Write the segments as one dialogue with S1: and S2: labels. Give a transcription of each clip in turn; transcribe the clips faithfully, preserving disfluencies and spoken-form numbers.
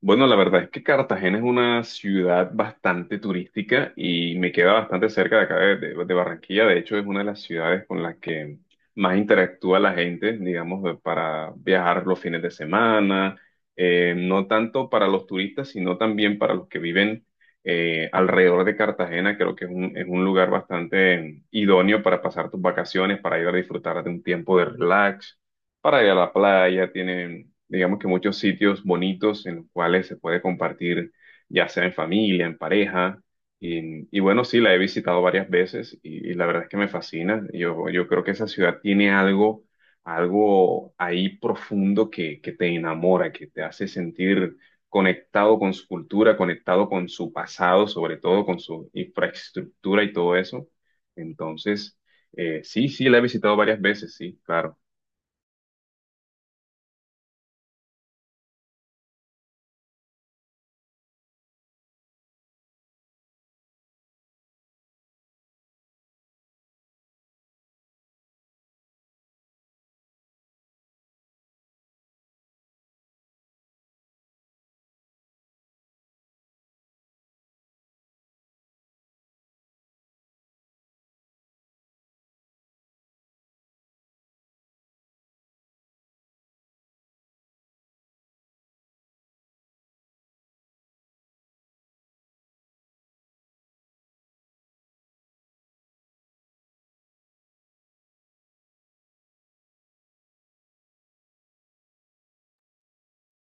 S1: Bueno, la verdad es que Cartagena es una ciudad bastante turística y me queda bastante cerca de acá de, de- de Barranquilla. De hecho, es una de las ciudades con las que más interactúa la gente, digamos, de- para viajar los fines de semana, eh, no tanto para los turistas, sino también para los que viven eh, alrededor de Cartagena. Creo que es un, es un lugar bastante idóneo para pasar tus vacaciones, para ir a disfrutar de un tiempo de relax para ir a la playa, tienen, digamos que muchos sitios bonitos en los cuales se puede compartir, ya sea en familia, en pareja. Y, y bueno, sí, la he visitado varias veces y, y la verdad es que me fascina. Yo, yo creo que esa ciudad tiene algo, algo ahí profundo que, que te enamora, que te hace sentir conectado con su cultura, conectado con su pasado, sobre todo con su infraestructura y todo eso. Entonces, eh, sí, sí, la he visitado varias veces, sí, claro.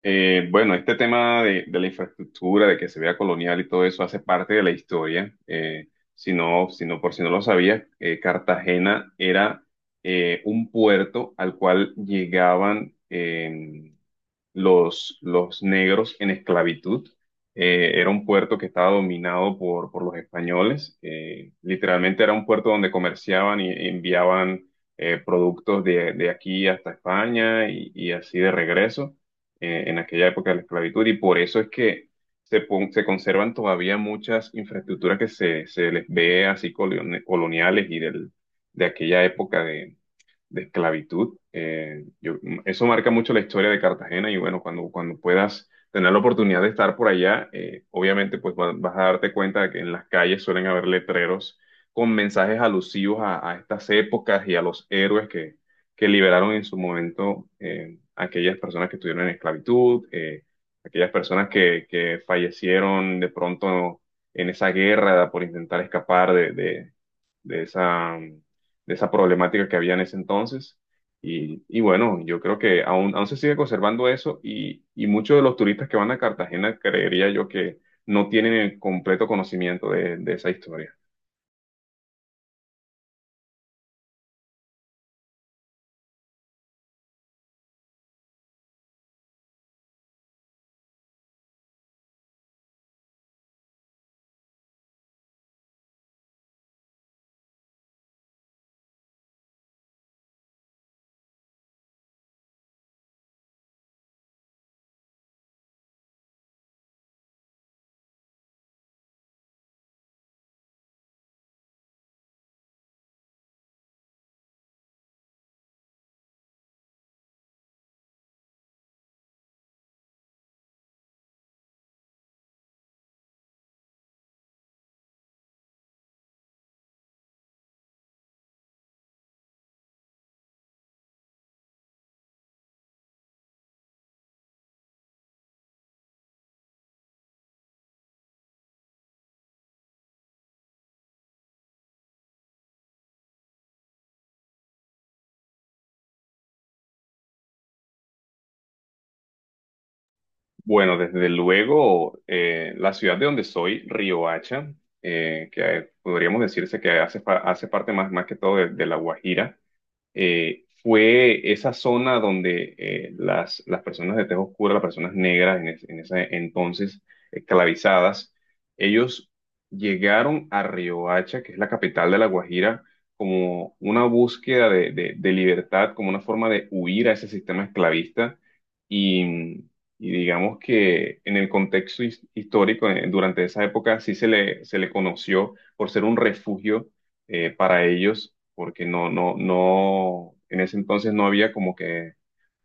S1: Eh, bueno, este tema de, de la infraestructura, de que se vea colonial y todo eso hace parte de la historia. Eh, si no, si no, por si no lo sabías, eh, Cartagena era eh, un puerto al cual llegaban em, los, los negros en esclavitud. Eh, era un puerto que estaba dominado por, por los españoles. Eh, literalmente era un puerto donde comerciaban y enviaban eh, productos de, de aquí hasta España y, y así de regreso eh, en aquella época de la esclavitud. Y por eso es que se, pon- se conservan todavía muchas infraestructuras que se, se les ve así colon- coloniales y del, de aquella época de esclavitud. Eh, yo- eso marca mucho la historia de Cartagena y bueno, cuando, cuando puedas tener la oportunidad de estar por allá, eh, obviamente pues va- vas a darte cuenta de que en las calles suelen haber letreros con mensajes alusivos a, a estas épocas y a los héroes que, que liberaron en su momento eh, a aquellas personas que estuvieron en esclavitud, eh, aquellas personas que, que fallecieron de pronto en esa guerra por intentar escapar de, de de esa, de esa problemática que había en ese entonces. Y, y bueno, yo creo que aún, aún se sigue conservando eso y, y muchos de los turistas que van a Cartagena creería yo que no tienen el completo conocimiento de, de esa historia. Bueno, desde luego, eh, la ciudad de donde soy, Riohacha, eh, que podríamos decirse que hace, fa- hace parte más, más que todo de de La Guajira eh, fue esa zona donde eh, las, las personas de tez oscura, las personas negras en, es- en ese entonces eh, esclavizadas, ellos llegaron a Riohacha, que es la capital de La Guajira, como una búsqueda de, de- de libertad, como una forma de huir a ese sistema esclavista. Y, y digamos que en el contexto his- histórico, eh, durante esa época, sí se le, se le conoció por ser un refugio eh, para ellos porque no, no, no, en ese entonces no había como que,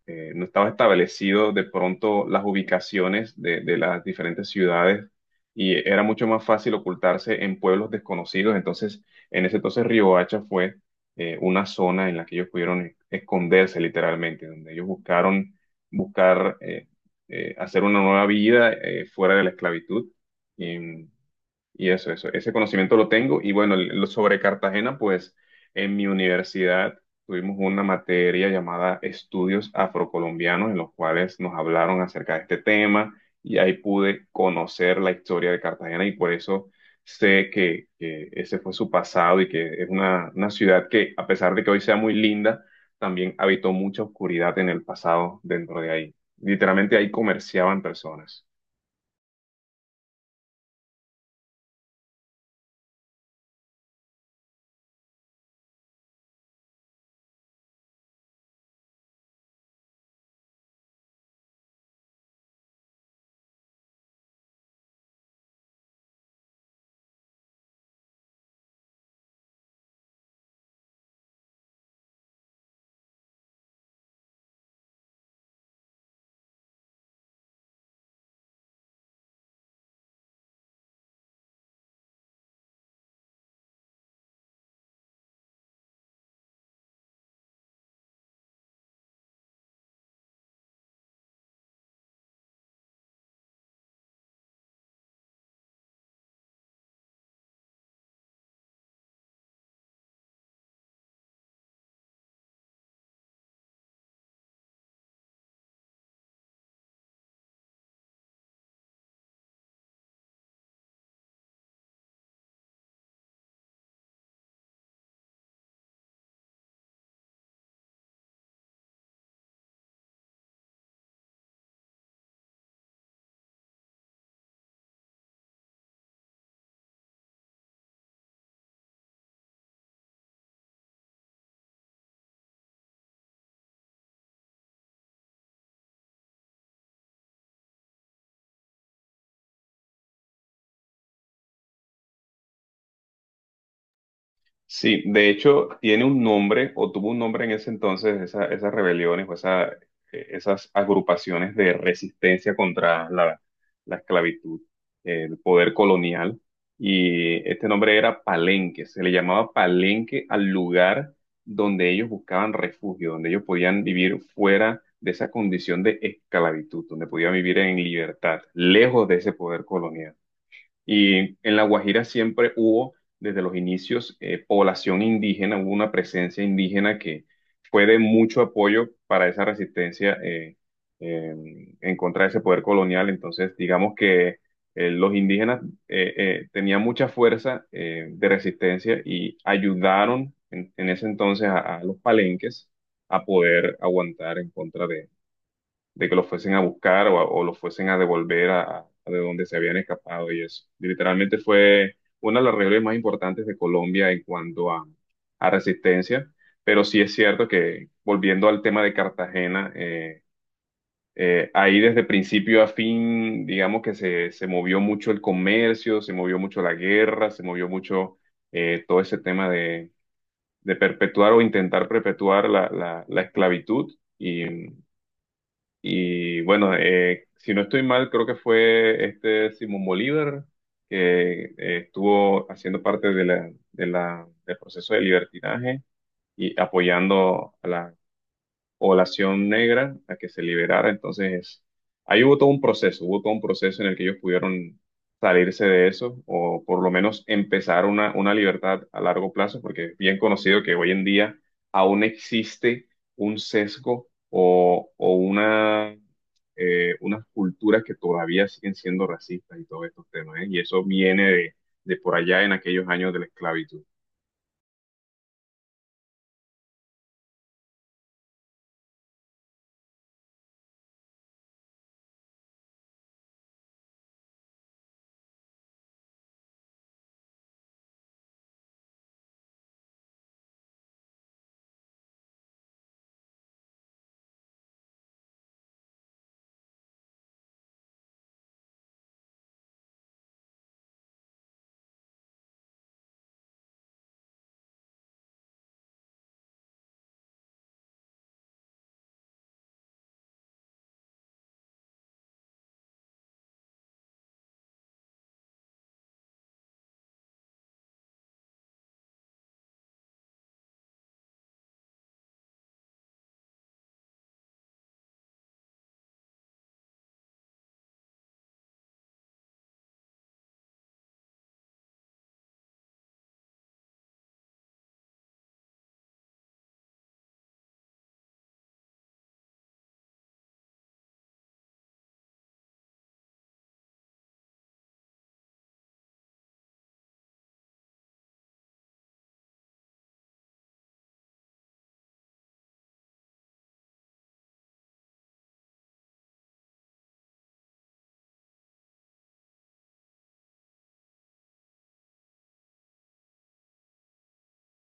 S1: eh, no estaba establecido de pronto las ubicaciones de, de las diferentes ciudades y era mucho más fácil ocultarse en pueblos desconocidos. Entonces, en ese entonces Riohacha fue eh, una zona en la que ellos pudieron e- esconderse literalmente, donde ellos buscaron buscar eh, eh, hacer una nueva vida eh, fuera de la esclavitud. Y eso, eso, ese conocimiento lo tengo. Y bueno, el- lo sobre Cartagena, pues en mi universidad tuvimos una materia llamada Estudios Afrocolombianos, en los cuales nos hablaron acerca de este tema y ahí pude conocer la historia de Cartagena y por eso sé que, que ese fue su pasado y que es una, una ciudad que, a pesar de que hoy sea muy linda, también habitó mucha oscuridad en el pasado dentro de ahí. Literalmente ahí comerciaban personas. Sí, de hecho, tiene un nombre o tuvo un nombre en ese entonces, esa- esas rebeliones o esa- eh, esas agrupaciones de resistencia contra la, la esclavitud, eh, el poder colonial. Y este nombre era Palenque, se le llamaba Palenque al lugar donde ellos buscaban refugio, donde ellos podían vivir fuera de esa condición de esclavitud, donde podían vivir en libertad, lejos de ese poder colonial. Y en La Guajira siempre hubo, desde los inicios, eh, población indígena, hubo una presencia indígena que fue de mucho apoyo para esa resistencia eh, eh, en contra de ese poder colonial. Entonces, digamos que eh, los indígenas eh, eh, tenían mucha fuerza eh, de resistencia y ayudaron en, en ese entonces a, a los palenques a poder aguantar en contra de de que los fuesen a buscar o, a- o los fuesen a devolver a, a de donde se habían escapado y eso. Y literalmente fue una de las reuniones más importantes de Colombia en cuanto a, a resistencia, pero sí es cierto que volviendo al tema de Cartagena, eh, eh, ahí desde principio a fin, digamos que se, se movió mucho el comercio, se movió mucho la guerra, se movió mucho eh, todo ese tema de, de perpetuar o intentar perpetuar la, la la esclavitud. Y, y bueno, eh, si no estoy mal, creo que fue este Simón Bolívar que eh, estuvo haciendo parte de la, de la- del proceso de libertinaje y apoyando a la población negra a que se liberara. Entonces, ahí hubo todo un proceso, hubo todo un proceso en el que ellos pudieron salirse de eso o por lo menos empezar una, una libertad a largo plazo, porque es bien conocido que hoy en día aún existe un sesgo o, o una, eh, unas culturas que todavía siguen siendo racistas y todos estos temas, ¿eh? Y eso viene de, de por allá en aquellos años de la esclavitud.